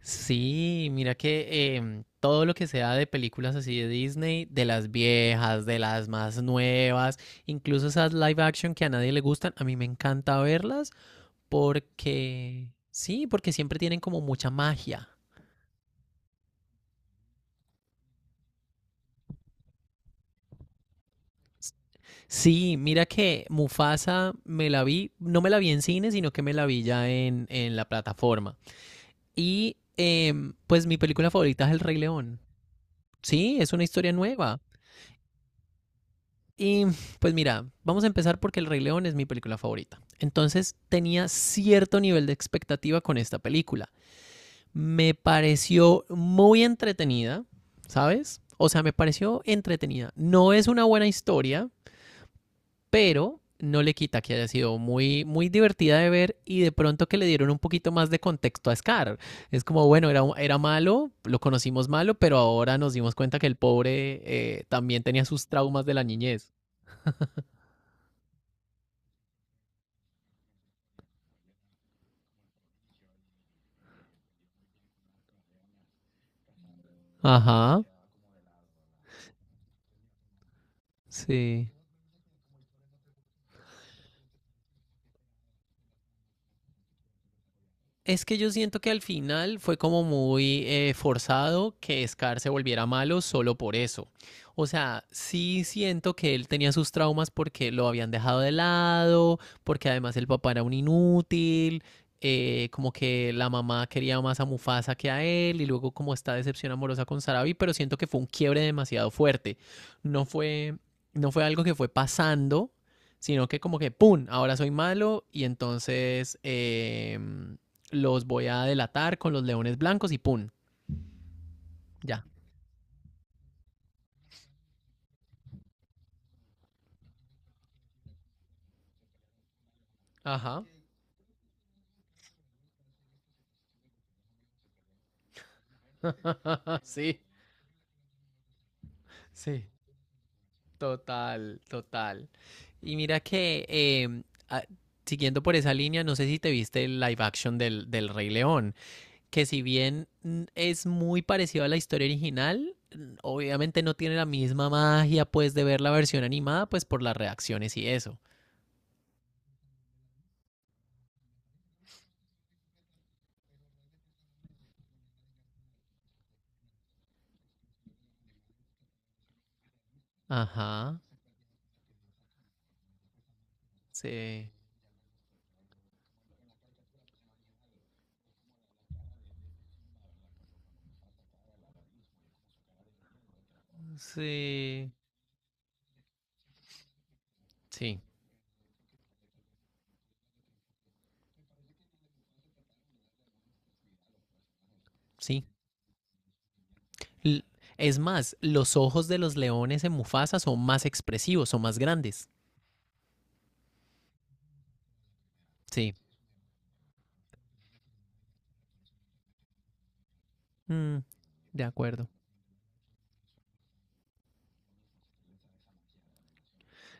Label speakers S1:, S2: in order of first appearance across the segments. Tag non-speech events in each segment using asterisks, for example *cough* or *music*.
S1: Sí, mira que todo lo que sea de películas así de Disney, de las viejas, de las más nuevas, incluso esas live action que a nadie le gustan, a mí me encanta verlas porque, sí, porque siempre tienen como mucha magia. Sí, mira que Mufasa me la vi, no me la vi en cine, sino que me la vi ya en la plataforma. Y pues mi película favorita es El Rey León. Sí, es una historia nueva. Y pues mira, vamos a empezar porque El Rey León es mi película favorita. Entonces tenía cierto nivel de expectativa con esta película. Me pareció muy entretenida, ¿sabes? O sea, me pareció entretenida. No es una buena historia, pero no le quita que haya sido muy, muy divertida de ver y de pronto que le dieron un poquito más de contexto a Scar. Es como, bueno, era malo, lo conocimos malo, pero ahora nos dimos cuenta que el pobre también tenía sus traumas de la niñez. Ajá. Sí. Es que yo siento que al final fue como muy forzado que Scar se volviera malo solo por eso. O sea, sí siento que él tenía sus traumas porque lo habían dejado de lado, porque además el papá era un inútil, como que la mamá quería más a Mufasa que a él, y luego como esta decepción amorosa con Sarabi, pero siento que fue un quiebre demasiado fuerte. No fue, no fue algo que fue pasando, sino que como que, ¡pum!, ahora soy malo y entonces... los voy a delatar con los leones blancos y pum, ya. Ajá. *laughs* sí, sí, total, total. Y mira que a- siguiendo por esa línea, no sé si te viste el live action del Rey León, que si bien es muy parecido a la historia original, obviamente no tiene la misma magia pues de ver la versión animada pues por las reacciones y eso. Ajá, sí, sí, sí, sí. L- Es más, los ojos de los leones en Mufasa son más expresivos, son más grandes. Sí. Mm, de acuerdo.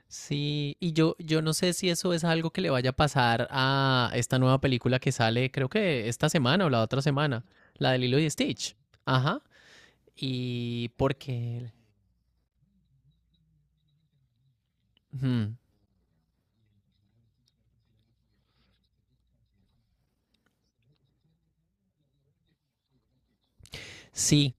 S1: Sí, yo no sé si eso es algo que le vaya a pasar a esta nueva película que sale, creo que esta semana o la otra semana, la de Lilo y Stitch. Ajá. Y porque... Ujú. Sí,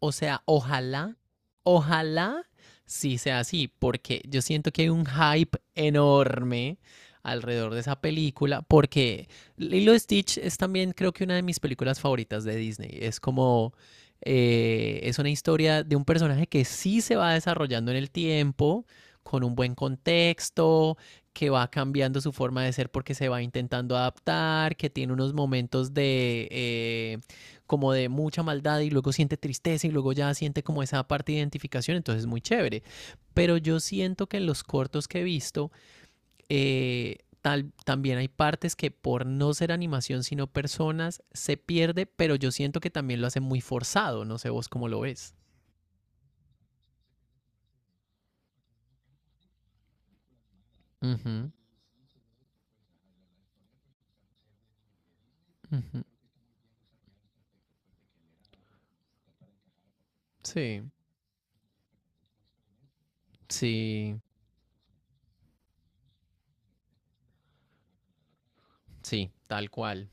S1: o sea, ojalá sí sea así, porque yo siento que hay un hype enorme alrededor de esa película, porque Lilo y Stitch es también creo que una de mis películas favoritas de Disney. Es como, es una historia de un personaje que sí se va desarrollando en el tiempo, con un buen contexto, que va cambiando su forma de ser porque se va intentando adaptar, que tiene unos momentos de como de mucha maldad y luego siente tristeza y luego ya siente como esa parte de identificación, entonces es muy chévere. Pero yo siento que en los cortos que he visto, también hay partes que por no ser animación sino personas se pierde, pero yo siento que también lo hace muy forzado, no sé vos cómo lo ves. Ujú, ujú. Sí, sí, sí, tal cual.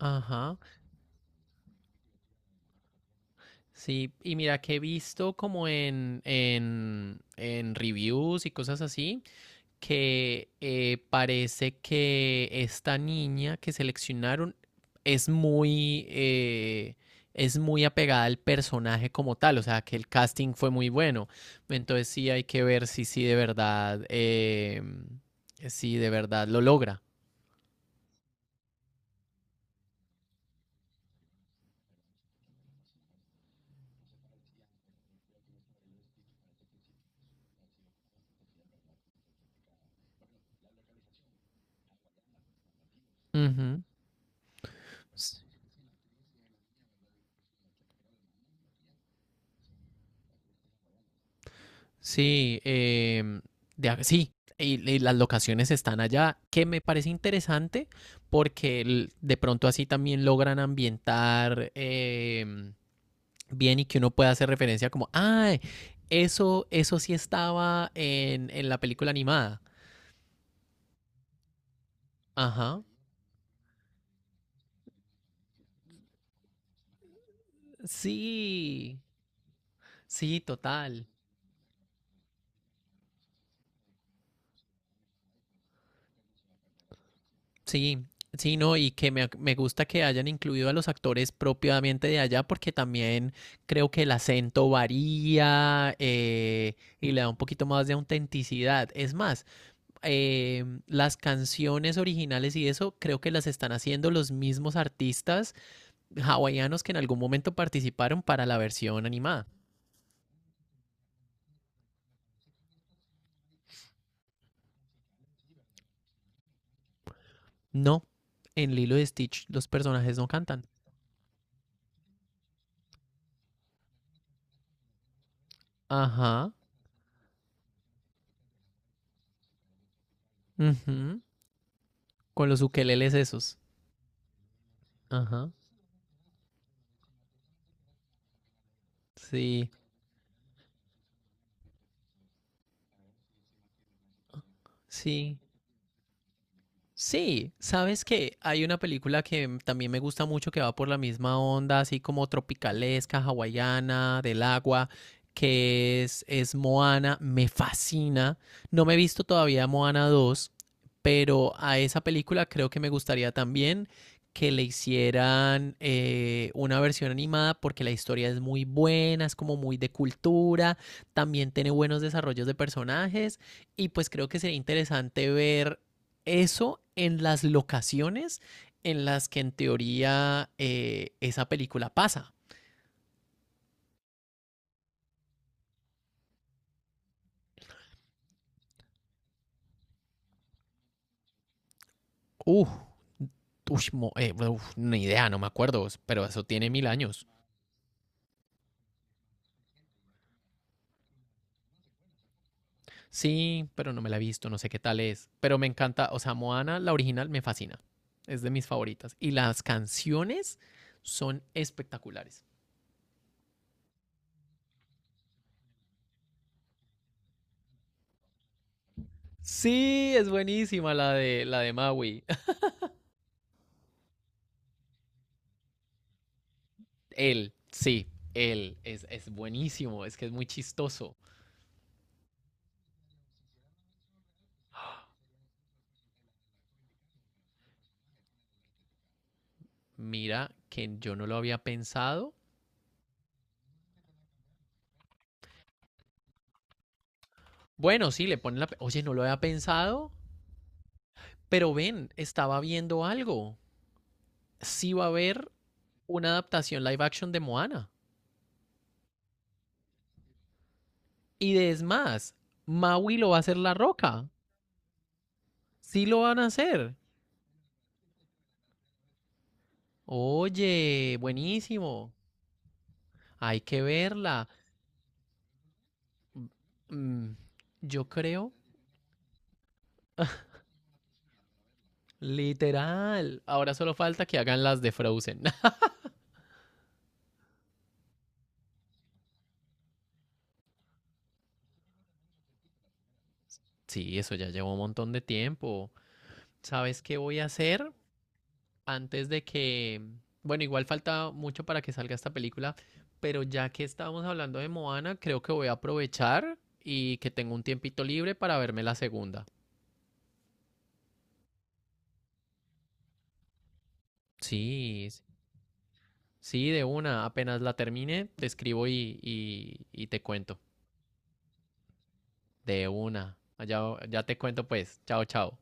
S1: Ajá. Sí, y mira que he visto como en reviews y cosas así, que parece que esta niña que seleccionaron es es muy apegada al personaje como tal, o sea que el casting fue muy bueno. Entonces sí hay que ver si sí de verdad, si de verdad lo logra. Ujú. Sí, sí, y las locaciones están allá, que me parece interesante porque de pronto así también logran ambientar bien y que uno pueda hacer referencia como, ay, eso sí estaba en la película animada. Ajá. Sí, sí, total. Sí, sí, no, y que me gusta que hayan incluido a los actores propiamente de allá porque también creo que el acento varía y le da un poquito más de autenticidad. Es más, las canciones originales y eso creo que las están haciendo los mismos artistas hawaianos que en algún momento participaron para la versión animada. No, en Lilo y Stitch los personajes no cantan. Ajá. Ujú. Con los ukeleles esos. Ajá. Sí, sí. Sí, sabes que hay una película que también me gusta mucho que va por la misma onda, así como tropicalesca, hawaiana, del agua, que es Moana, me fascina. No me he visto todavía Moana 2, pero a esa película creo que me gustaría también que le hicieran una versión animada porque la historia es muy buena, es como muy de cultura, también tiene buenos desarrollos de personajes y pues creo que sería interesante ver eso en las locaciones en las que en teoría esa película pasa. Uf, uy, mo- uf, ni idea, no me acuerdo, pero eso tiene mil años. Sí, pero no me la he visto, no sé qué tal es. Pero me encanta, o sea, Moana, la original, me fascina. Es de mis favoritas. Y las canciones son espectaculares. Sí, es buenísima la de Maui. *laughs* Él, es buenísimo, es que es muy chistoso. Mira que yo no lo había pensado. Bueno, sí, le ponen la... Oye, no lo había pensado, pero ven, estaba viendo algo. Sí va a haber una adaptación live action de Moana. Y de- es más, Maui lo va a hacer La Roca. Sí lo van a hacer. Oye, buenísimo. Hay que verla. Mm, yo creo, literal. Ahora solo falta que hagan las de Frozen. *laughs* Sí, eso ya llevó un montón de tiempo. ¿Sabes qué voy a hacer antes de que, bueno, igual falta mucho para que salga esta película, pero ya que estábamos hablando de Moana, creo que voy a aprovechar y que tengo un tiempito libre para verme la segunda? Sí, s- sí, de una. Apenas la termine, te escribo y te cuento. De una. Ya, ya te cuento pues. Chao, chao.